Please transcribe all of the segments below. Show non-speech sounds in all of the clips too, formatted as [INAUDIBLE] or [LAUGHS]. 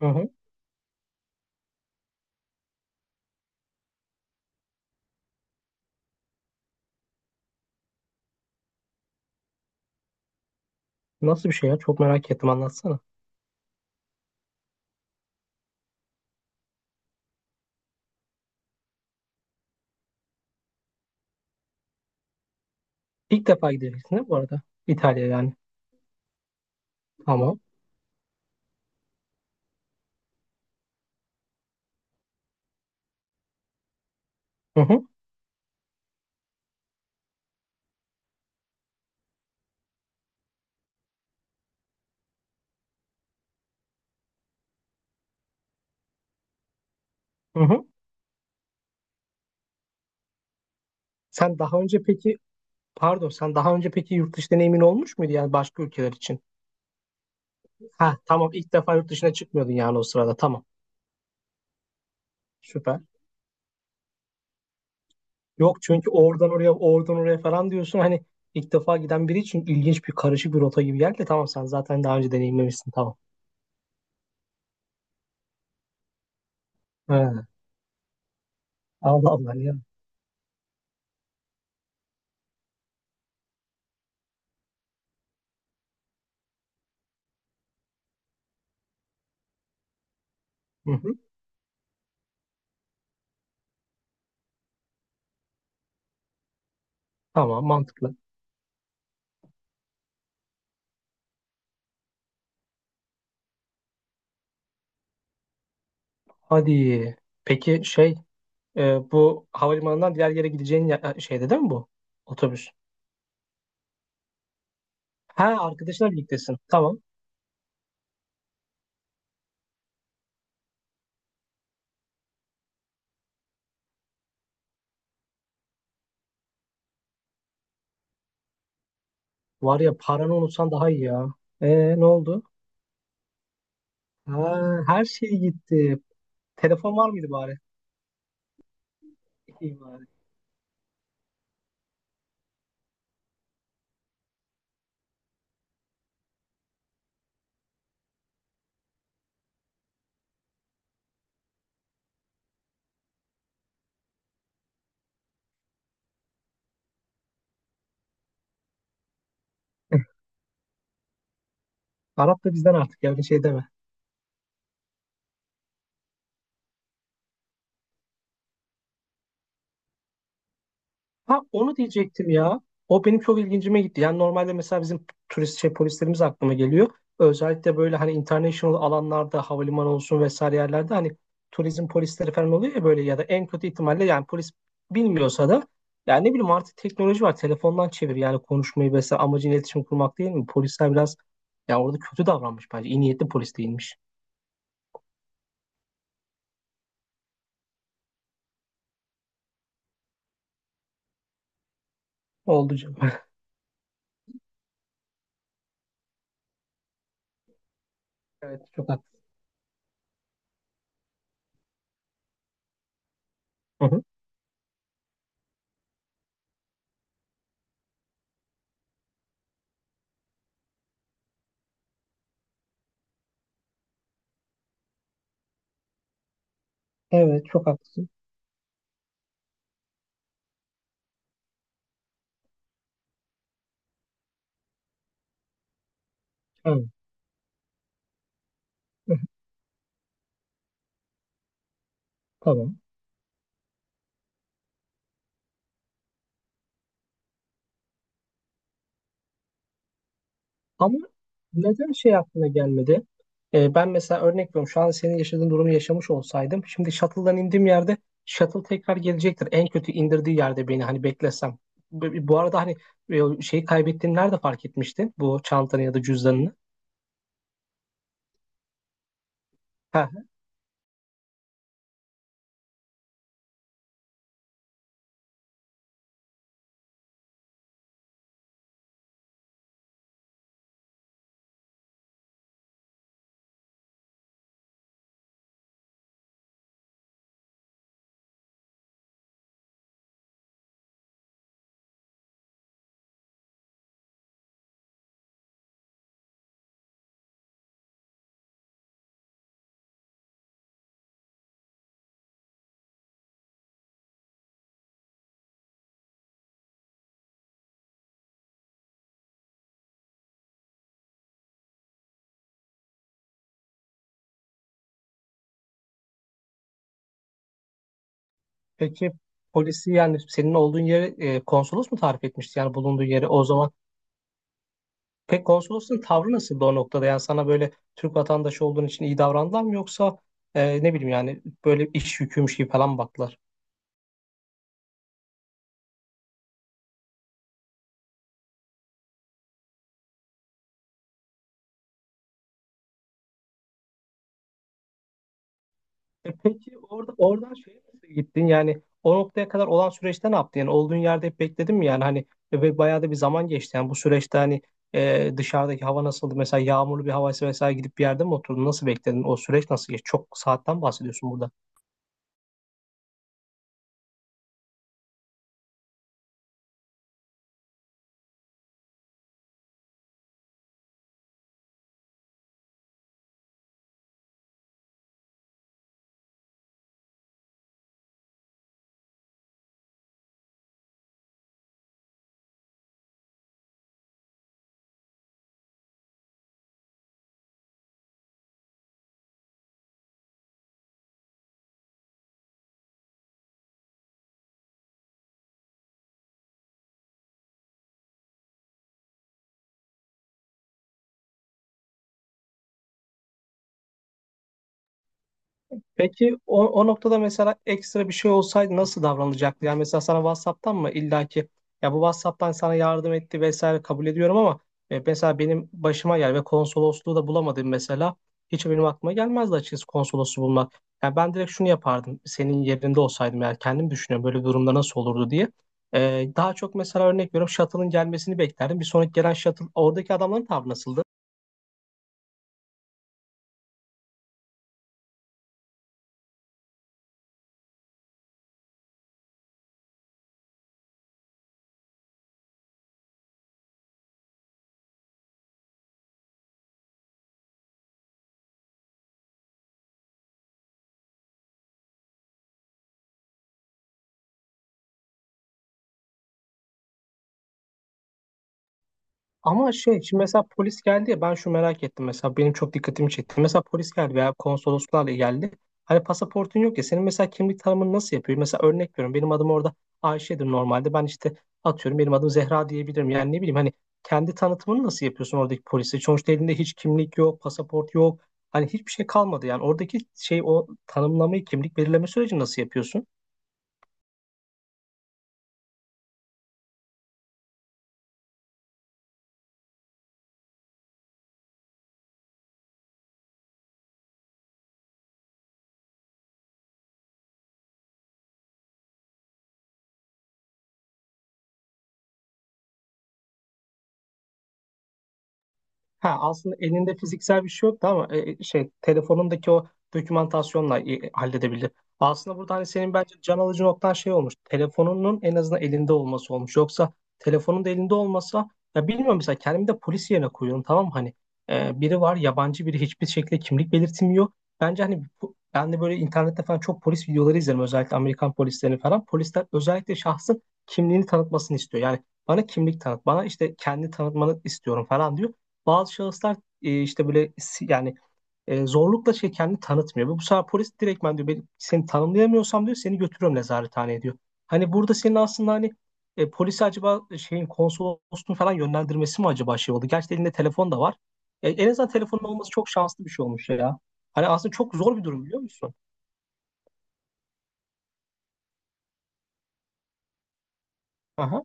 Hı hı. Nasıl bir şey ya? Çok merak ettim anlatsana. İlk defa gideceksin değil mi bu arada? İtalya yani. Tamam. Hı hı. Hı hı. Sen daha önce peki pardon sen daha önce peki yurt dışı deneyimin olmuş muydu yani başka ülkeler için? Ha tamam, ilk defa yurt dışına çıkmıyordun yani o sırada, tamam. Süper. Yok, çünkü oradan oraya oradan oraya falan diyorsun, hani ilk defa giden biri için ilginç bir karışık bir rota gibi geldi de tamam, sen zaten daha önce deneyimlemişsin, tamam. He, Allah Allah ya. Hı hı. Tamam, mantıklı. Hadi. Peki şey. Bu havalimanından diğer yere gideceğin ya- şeyde değil mi bu? Otobüs. Ha, arkadaşlar birliktesin. Tamam. Var ya, paranı unutsan daha iyi ya. Ne oldu? Ha, her şey gitti. Telefon var mıydı bari? İyi bari. [LAUGHS] Arap da bizden artık, yani şey deme. Ha, onu diyecektim ya. O benim çok ilgincime gitti. Yani normalde mesela bizim turist şey polislerimiz aklıma geliyor. Özellikle böyle hani international alanlarda, havalimanı olsun vesaire yerlerde hani turizm polisleri falan oluyor ya, böyle ya da en kötü ihtimalle yani polis bilmiyorsa da yani ne bileyim, artık teknoloji var. Telefondan çevir yani konuşmayı vesaire, amacın iletişim kurmak değil mi? Polisler biraz ya orada kötü davranmış bence. İyi niyetli polis değilmiş. Oldu canım. [LAUGHS] Evet, çok haklısın. Hı hı. Evet, çok haklısın. Evet. Hı hı. Tamam. Ama neden şey aklına gelmedi? Ben mesela örnek veriyorum. Şu an senin yaşadığın durumu yaşamış olsaydım. Şimdi shuttle'dan indiğim yerde shuttle tekrar gelecektir. En kötü indirdiği yerde beni hani beklesem. Bu arada hani, e, şeyi kaybettiğini nerede fark etmiştin? Bu çantanı ya da cüzdanını. Ha, peki polisi yani senin olduğun yeri, konsolos mu tarif etmişti? Yani bulunduğun yeri o zaman. Peki konsolosun tavrı nasıldı o noktada? Yani sana böyle Türk vatandaşı olduğun için iyi davrandılar mı, yoksa ne bileyim yani böyle iş yüküymüş gibi falan mı baktılar? E peki orada, oradan şeye nasıl gittin? Yani o noktaya kadar olan süreçte ne yaptın? Yani olduğun yerde hep bekledin mi? Yani hani ve bayağı da bir zaman geçti. Yani bu süreçte hani, dışarıdaki hava nasıldı? Mesela yağmurlu bir havaysa vesaire, gidip bir yerde mi oturdun? Nasıl bekledin? O süreç nasıl geçti? Çok saatten bahsediyorsun burada. Peki o, o noktada mesela ekstra bir şey olsaydı nasıl davranacaktı? Yani mesela sana WhatsApp'tan mı illaki, ya bu WhatsApp'tan sana yardım etti vesaire kabul ediyorum ama, mesela benim başıma gel ve konsolosluğu da bulamadım mesela. Hiç benim aklıma gelmezdi açıkçası konsolosluğu bulmak. Yani ben direkt şunu yapardım. Senin yerinde olsaydım eğer, kendim düşünüyorum böyle bir durumda nasıl olurdu diye. E, daha çok mesela örnek veriyorum, shuttle'ın gelmesini beklerdim. Bir sonraki gelen shuttle, oradaki adamların tavrı nasıldı? Ama şey şimdi mesela polis geldi ya, ben şu merak ettim, mesela benim çok dikkatimi çekti. Mesela polis geldi veya konsoloslarla geldi. Hani pasaportun yok ya senin, mesela kimlik tanımını nasıl yapıyor? Mesela örnek veriyorum, benim adım orada Ayşe'dir normalde, ben işte atıyorum benim adım Zehra diyebilirim. Yani ne bileyim hani kendi tanıtımını nasıl yapıyorsun oradaki polise? Sonuçta elinde hiç kimlik yok, pasaport yok. Hani hiçbir şey kalmadı yani, oradaki şey o tanımlamayı, kimlik belirleme sürecini nasıl yapıyorsun? Ha, aslında elinde fiziksel bir şey yoktu ama, şey telefonundaki o dokümantasyonla halledebildi. Aslında burada hani senin bence can alıcı noktan şey olmuş. Telefonunun en azından elinde olması olmuş. Yoksa telefonun da elinde olmasa, ya bilmiyorum, mesela kendimi de polis yerine koyuyorum, tamam mı? Hani biri var yabancı, biri hiçbir şekilde kimlik belirtmiyor. Bence hani bu- ben de böyle internette falan çok polis videoları izlerim, özellikle Amerikan polislerini falan. Polisler özellikle şahsın kimliğini tanıtmasını istiyor. Yani bana kimlik tanıt, bana işte kendi tanıtmanı istiyorum falan diyor. Bazı şahıslar işte böyle si- yani zorlukla şey kendini tanıtmıyor. Ve bu sefer polis direktmen diyor ben seni tanımlayamıyorsam diyor seni götürüyorum nezarethaneye diyor. Hani burada senin aslında hani, polisi acaba şeyin konsolosluğun falan yönlendirmesi mi, acaba şey oldu? Gerçi elinde telefon da var. E, en azından telefonun olması çok şanslı bir şey olmuş ya. Hani aslında çok zor bir durum, biliyor musun? Aha.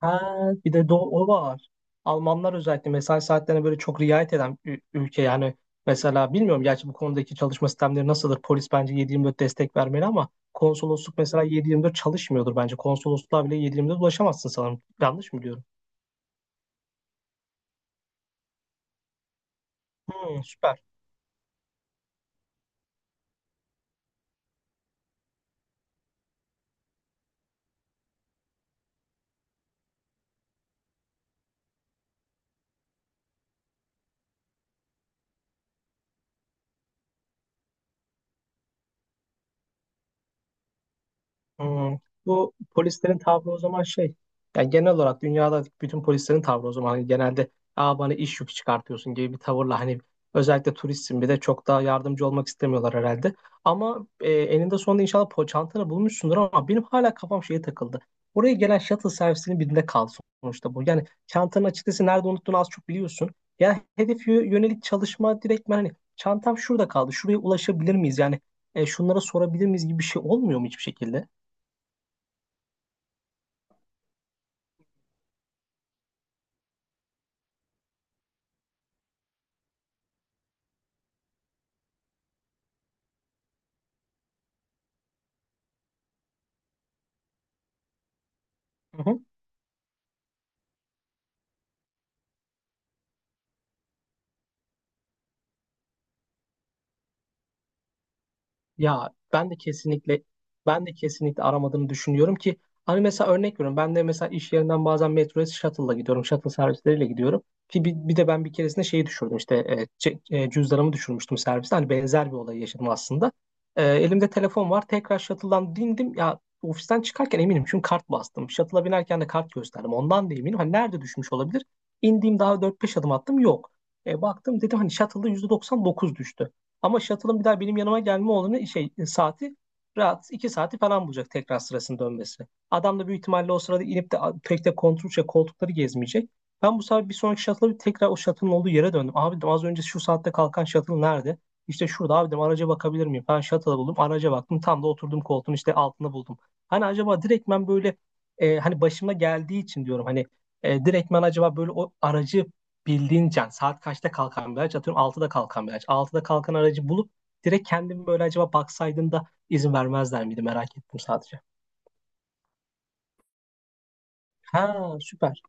Ha, bir de do o var. Almanlar özellikle mesai saatlerine böyle çok riayet eden ü- ülke yani, mesela bilmiyorum gerçi bu konudaki çalışma sistemleri nasıldır. Polis bence 7/24 destek vermeli ama konsolosluk mesela 7/24 çalışmıyordur bence. Konsolosluğa bile 7/24 ulaşamazsın sanırım. Yanlış mı biliyorum? Hmm, süper. Hmm. Bu polislerin tavrı o zaman şey. Yani genel olarak dünyada bütün polislerin tavrı o zaman hani, genelde aa bana iş yükü çıkartıyorsun gibi bir tavırla hani, özellikle turistsin bir de, çok daha yardımcı olmak istemiyorlar herhalde. Ama eninde sonunda inşallah po çantanı bulmuşsundur, ama benim hala kafam şeye takıldı. Oraya gelen shuttle servisinin birinde kal, sonuçta bu. Yani çantanın açıkçası nerede unuttuğunu az çok biliyorsun. Yani hedef yö- yönelik çalışma direktmen, hani çantam şurada kaldı. Şuraya ulaşabilir miyiz? Yani şunlara sorabilir miyiz gibi bir şey olmuyor mu hiçbir şekilde? Ya ben de kesinlikle aramadığını düşünüyorum ki, hani mesela örnek veriyorum, ben de mesela iş yerinden bazen metroya shuttle'la gidiyorum, shuttle servisleriyle gidiyorum, ki bir de ben bir keresinde şeyi düşürdüm, işte cüzdanımı düşürmüştüm serviste, hani benzer bir olay yaşadım aslında. E, elimde telefon var, tekrar shuttle'dan bindim ya, ofisten çıkarken eminim çünkü kart bastım, shuttle'a binerken de kart gösterdim, ondan da eminim, hani nerede düşmüş olabilir, indiğim daha 4-5 adım attım, yok. Baktım, dedim hani shuttle'da %99 düştü. Ama shuttle'ın bir daha benim yanıma gelme olanı şey, saati rahat 2 saati falan bulacak tekrar sırasını dönmesi. Adam da büyük ihtimalle o sırada inip de a- pek de kontrol şey, koltukları gezmeyecek. Ben bu sefer bir sonraki shuttle'a tekrar o shuttle'ın olduğu yere döndüm. Abi dedim, az önce şu saatte kalkan shuttle nerede? İşte şurada, abi dedim araca bakabilir miyim? Ben shuttle'a buldum, araca baktım, tam da oturduğum koltuğun işte altında buldum. Hani acaba direktmen böyle, hani başıma geldiği için diyorum hani, direktmen acaba böyle o aracı, bildiğin can saat kaçta kalkan bir araç, atıyorum 6'da kalkan bir araç. 6'da kalkan aracı bulup direkt kendim böyle acaba baksaydın da izin vermezler miydi, merak ettim sadece. Ha süper.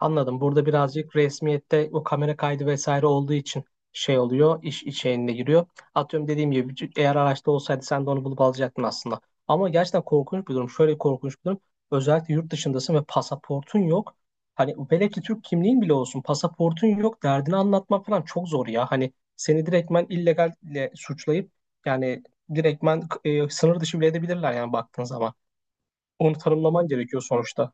Anladım. Burada birazcık resmiyette o kamera kaydı vesaire olduğu için şey oluyor, iş içeğine giriyor. Atıyorum dediğim gibi c- eğer araçta olsaydı sen de onu bulup alacaktın aslında. Ama gerçekten korkunç bir durum. Şöyle korkunç bir durum. Özellikle yurt dışındasın ve pasaportun yok. Hani velev ki Türk kimliğin bile olsun, pasaportun yok derdini anlatmak falan çok zor ya. Hani seni direktmen illegalle suçlayıp yani, direktmen sınır dışı bile edebilirler yani baktığın zaman. Onu tanımlaman gerekiyor sonuçta.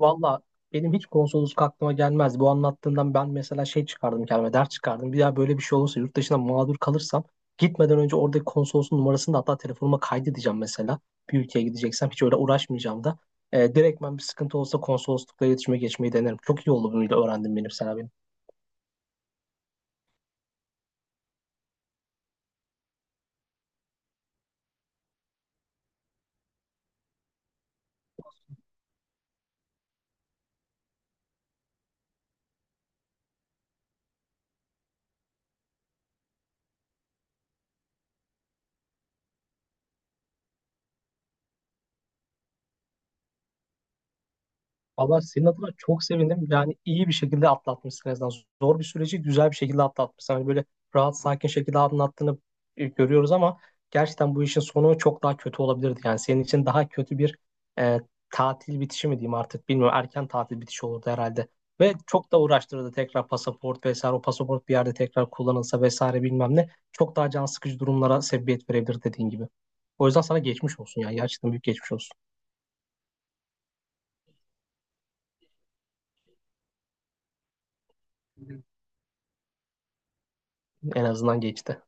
Valla benim hiç konsolosluk aklıma gelmez. Bu anlattığından ben mesela şey çıkardım kendime, ders çıkardım. Bir daha böyle bir şey olursa, yurt dışına mağdur kalırsam gitmeden önce oradaki konsolosun numarasını da hatta telefonuma kaydedeceğim mesela. Bir ülkeye gideceksem hiç öyle uğraşmayacağım da. Direktmen bir sıkıntı olsa konsoloslukla iletişime geçmeyi denerim. Çok iyi oldu bunu da öğrendim benim sana. Allah senin adına çok sevindim. Yani iyi bir şekilde atlatmışsın en azından. Zor bir süreci güzel bir şekilde atlatmışsın. Hani böyle rahat, sakin şekilde anlattığını görüyoruz ama gerçekten bu işin sonu çok daha kötü olabilirdi. Yani senin için daha kötü bir e, tatil bitişi mi diyeyim artık bilmiyorum. Erken tatil bitişi olurdu herhalde. Ve çok da uğraştırırdı tekrar pasaport vesaire. O pasaport bir yerde tekrar kullanılsa vesaire bilmem ne. Çok daha can sıkıcı durumlara sebebiyet verebilir dediğin gibi. O yüzden sana geçmiş olsun ya. Gerçekten büyük geçmiş olsun. En azından geçti.